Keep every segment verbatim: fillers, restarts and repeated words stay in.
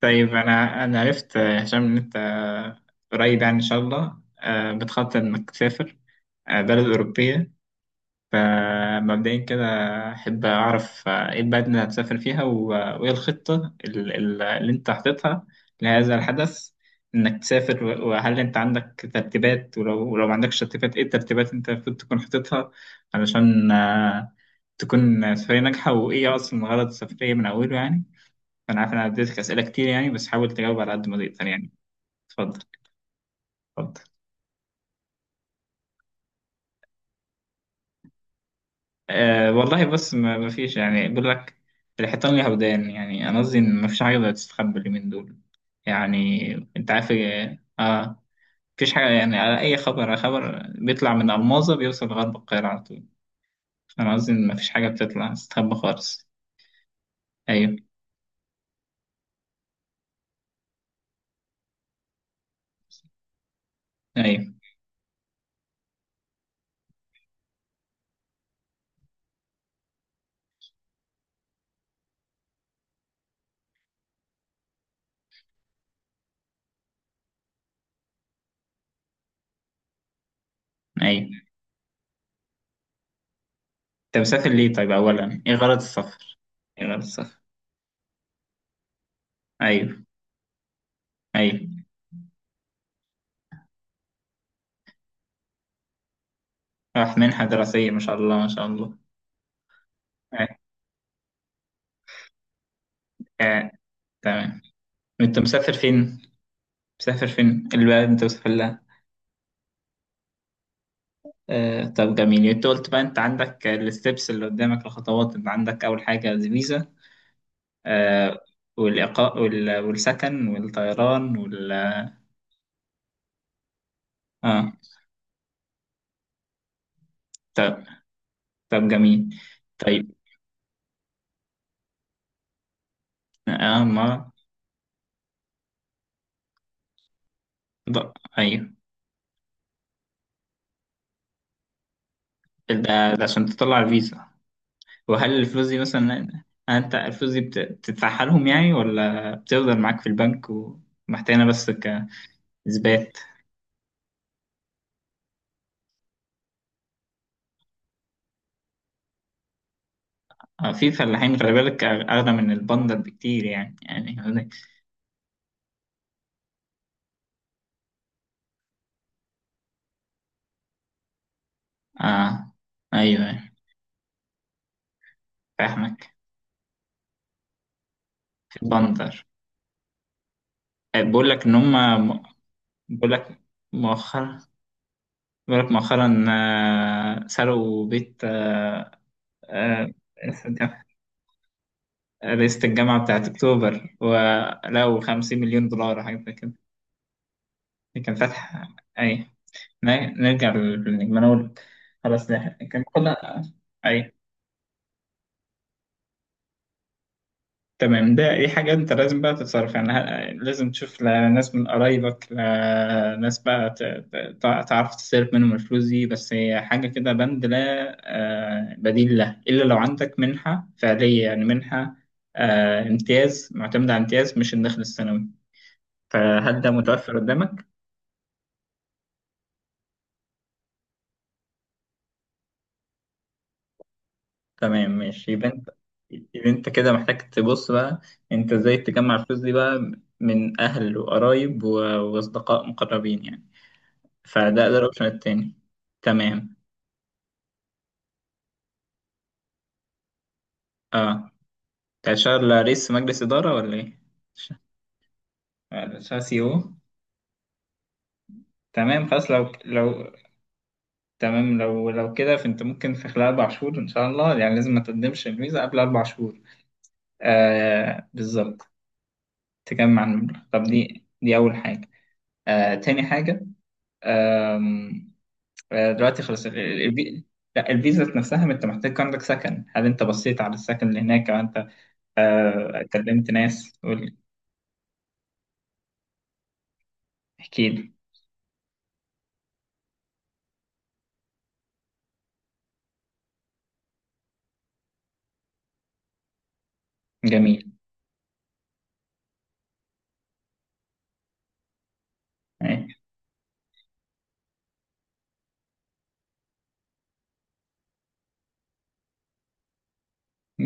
طيب أنا أنا عرفت يا هشام إن أنت آه، قريب يعني إن شاء الله، آه، بتخطط إنك تسافر آه، بلد أوروبية. فمبدئيا كده أحب أعرف آه، إيه البلد اللي هتسافر فيها و- وإيه الخطة ال- ال- اللي أنت حاططها لهذا الحدث، إنك تسافر، و- وهل أنت عندك ترتيبات؟ ولو ولو ما عندكش ترتيبات، إيه الترتيبات اللي أنت المفروض تكون حاططها علشان آه، تكون سفرية ناجحة؟ وإيه أصلا غرض السفرية من أوله يعني؟ انا عارف إن انا اديتك اسئله كتير يعني، بس حاول تجاوب على قد ما تقدر يعني. اتفضل. اتفضل. أه والله بص، ما ما فيش يعني، بقول لك الحيطان ليها ودان. يعني انا قصدي ان ما فيش حاجه تقدر تستخبى اليومين دول. يعني انت عارف، اه آه، مفيش حاجه يعني. على اي خبر، على خبر بيطلع من الماظه بيوصل لغرب القاهره على طول. فانا قصدي ان ما فيش حاجه بتطلع تستخبى خالص. ايوه. ايوه. ايوه، انت مسافر ليه؟ طيب اولا ايه غرض السفر؟ ايه غرض السفر؟ ايوه. ايوه. راح منحه دراسيه، ما شاء الله، ما شاء الله. آه، تمام. انت مسافر فين؟ مسافر فين البلد انت مسافر لها؟ آه، طب جميل. يعني انت قلت بقى، انت عندك الستبس اللي قدامك، الخطوات. انت عندك اول حاجه الفيزا، آه، والاقاء وال- والسكن والطيران وال- اه. طب. طب جميل. طيب. اه. ما ده. ايوه. ده, ده عشان تطلع الفيزا؟ وهل الفلوس دي مثلا، انت الفلوس دي بت- بتدفعها لهم يعني ولا بتفضل معاك في البنك ومحتاجها بس كاثبات؟ آه، في فلاحين خلي بالك أغلى من البندر بكتير يعني، يعني. آه. أيوه. فاهمك. في البندر. آه، بقول لك إن هما م- بقول لك مؤخرا بقول لك مؤخرا آه، سرقوا بيت، آه، آه، رئيس الجامعة رئيسة الجامعة بتاعت أكتوبر ولقوا خمسين مليون دولار مليون دولار حاجة زي كده. كان فاتح. أي. ن- نرجع للنجم أنا أقول. خلاص ده كان، كنا. أي. تمام. ده دي حاجة أنت لازم بقى تتصرف يعني. ه- لازم تشوف لا- ناس من قرايبك، لا- ناس بقى ت- ت- تع- تعرف تصرف منهم الفلوس دي. بس هي حاجة كده بند لا آه، بديل له، إلا لو عندك منحة فعلية، يعني منحة آه، امتياز، معتمدة على امتياز مش الدخل السنوي. فهل ده متوفر قدامك؟ تمام، ماشي. يبقى أنت، يبقى أنت كده محتاج تبص بقى أنت إزاي تجمع الفلوس دي بقى، من أهل وقرايب و- وأصدقاء مقربين يعني. فده ده الاوبشن التاني. تمام. اه، انت هتشتغل رئيس مجلس اداره ولا ايه؟ هتشتغل سي او؟ تمام. خلاص. لو لو تمام. لو لو كده فانت ممكن في خلال اربع شهور ان شاء الله يعني. لازم ما تقدمش الفيزا قبل اربع شهور. آه، بالظبط. تجمع المبلغ، طب دي دي اول حاجه. آه، تاني حاجه. آم، آه، دلوقتي خلاص ال- ال- الفي- لا، الفيزا نفسها. ما انت محتاج، عندك سكن؟ هل انت بصيت على السكن اللي هناك او انت آه كلمت ناس؟ قول لي، احكي لي. جميل. أي.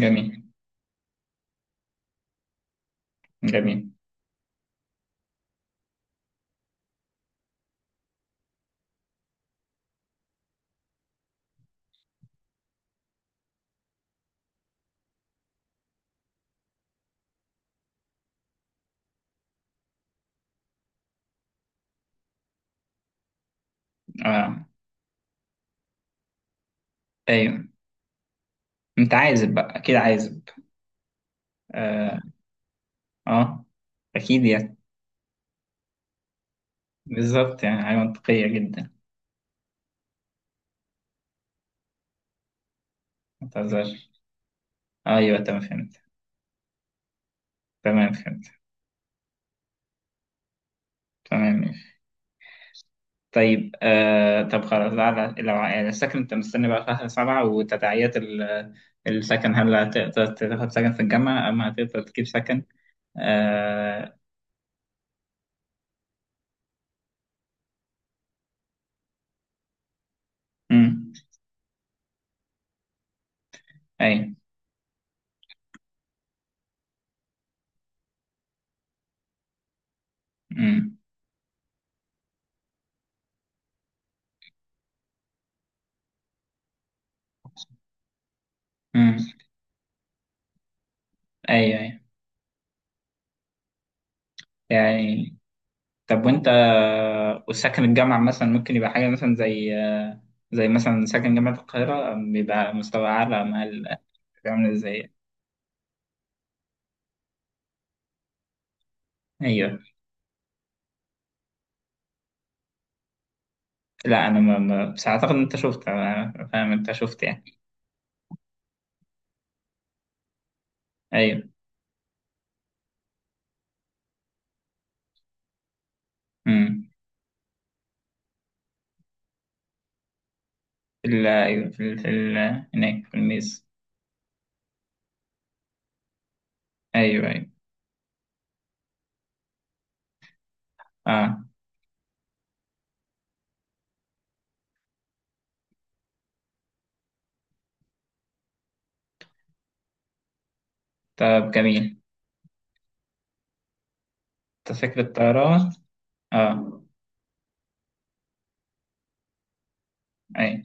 جميل. جميل. آه. ايوه، انت عازب بقى، اكيد عازب. اه. آه. اكيد يعني. بالظبط، يعني حاجه منطقيه جدا. ما تهزرش. ايوه، تمام، فهمت. تمام، فهمت. تمام، ماشي. طيب، آه، طب خلاص، على لو على السكن انت مستني بقى شهر سبعة، وتداعيات ال- السكن، هل هتقدر تاخد سكن في الجامعة أم هتقدر تجيب سكن آه؟ أمم. أي. أمم. أمم. أي. أي. يعني، طب وانت وساكن الجامعة مثلا، ممكن يبقى حاجة مثلا زي، زي مثلا ساكن جامعة القاهرة بيبقى مستوى أعلى مع ال- عامل ازاي؟ أيوه. لا، أنا ما ما- بس أعتقد إن أنت شفت، أنا فاهم أنت شفت يعني. أيوه. أمم. في ال- أيوه، في ال- في ال- هناك في الميز. أيوه. أيوه. أه. طب جميل. أنت فاكر الطيران؟ أه. أيوه.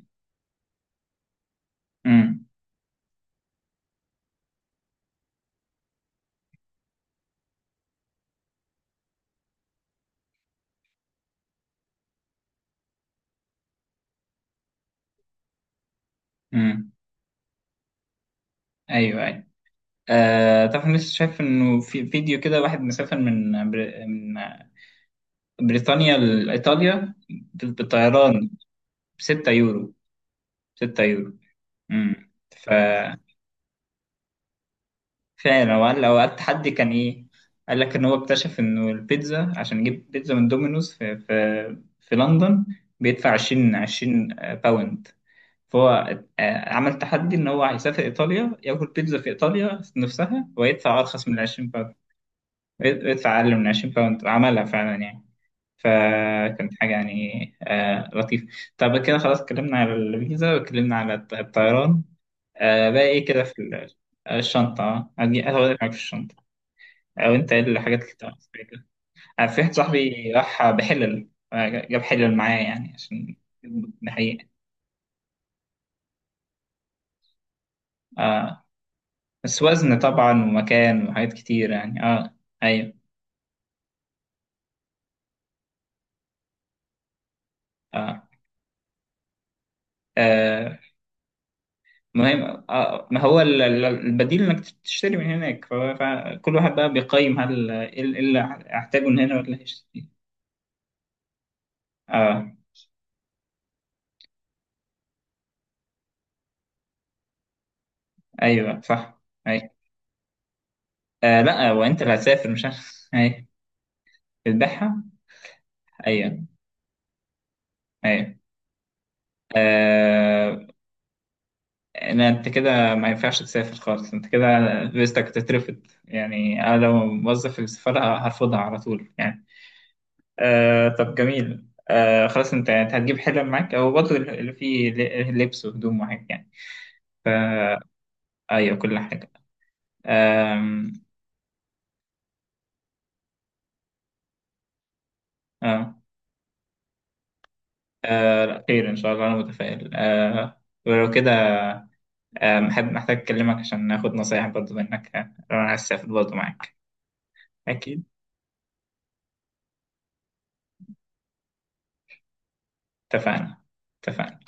أمم. أمم. أيوه. أيوه. آه طبعا، لسه شايف إنه في فيديو كده واحد مسافر من، من بريطانيا لإيطاليا بالطيران بستة يورو. ستة يورو. امم، ف- فعلا. وقال لو قعدت حد كان ايه. قال لك ان هو اكتشف انه البيتزا، عشان يجيب بيتزا من دومينوز في في, في لندن بيدفع 20 20 باوند. فهو آه، عمل تحدي ان هو هيسافر ايطاليا، ياكل بيتزا في ايطاليا نفسها ويدفع ارخص من 20 باوند. ويدفع اقل من 20 باوند. عملها فعلا يعني. فكانت حاجة يعني آه لطيفة. طب كده خلاص، اتكلمنا على الفيزا، واتكلمنا على الط- الطيران. آه، بقى ايه كده في ال- الشنطة. آه، هدي هقول لك حاجة في الشنطة، أو أنت ايه الحاجات اللي كنت محتاجها كده. آه، في واحد صاحبي راح بحلل، آه، جاب حلل معاه يعني عشان يظبط الحقيقة. آه، بس وزن طبعا ومكان وحاجات كتير يعني، اه. أيوه. آه, آه. ما هي آه، ما هو ال- ال- البديل انك تشتري من هناك، ف- فكل واحد بقى بيقيم هل ايه اللي، إيه اللي هحتاجه من هنا ولا هيشتري. اه. ايوه صح. ايوه. آه لا، وانت اللي هتسافر مش انا ايوه. بتبيعها. ايوه. ايوه. آه لا، انت كده ما ينفعش تسافر خالص، انت كده فيزتك تترفض يعني. انا لو موظف في السفاره هرفضها على طول يعني. آه، طب جميل. آه خلاص، انت انت هتجيب حلم معاك او برضه اللي فيه لبس وهدوم وحاجات يعني. فا- أيوة، كل حاجة. آم، آه. آه، لا، خير إن شاء الله، أنا متفائل. آه ولو كده آه، محب محتاج أكلمك عشان ناخد نصايح برضو منك. آه، أنا عايز أسافر برضو معاك. أكيد. اتفقنا. اتفقنا.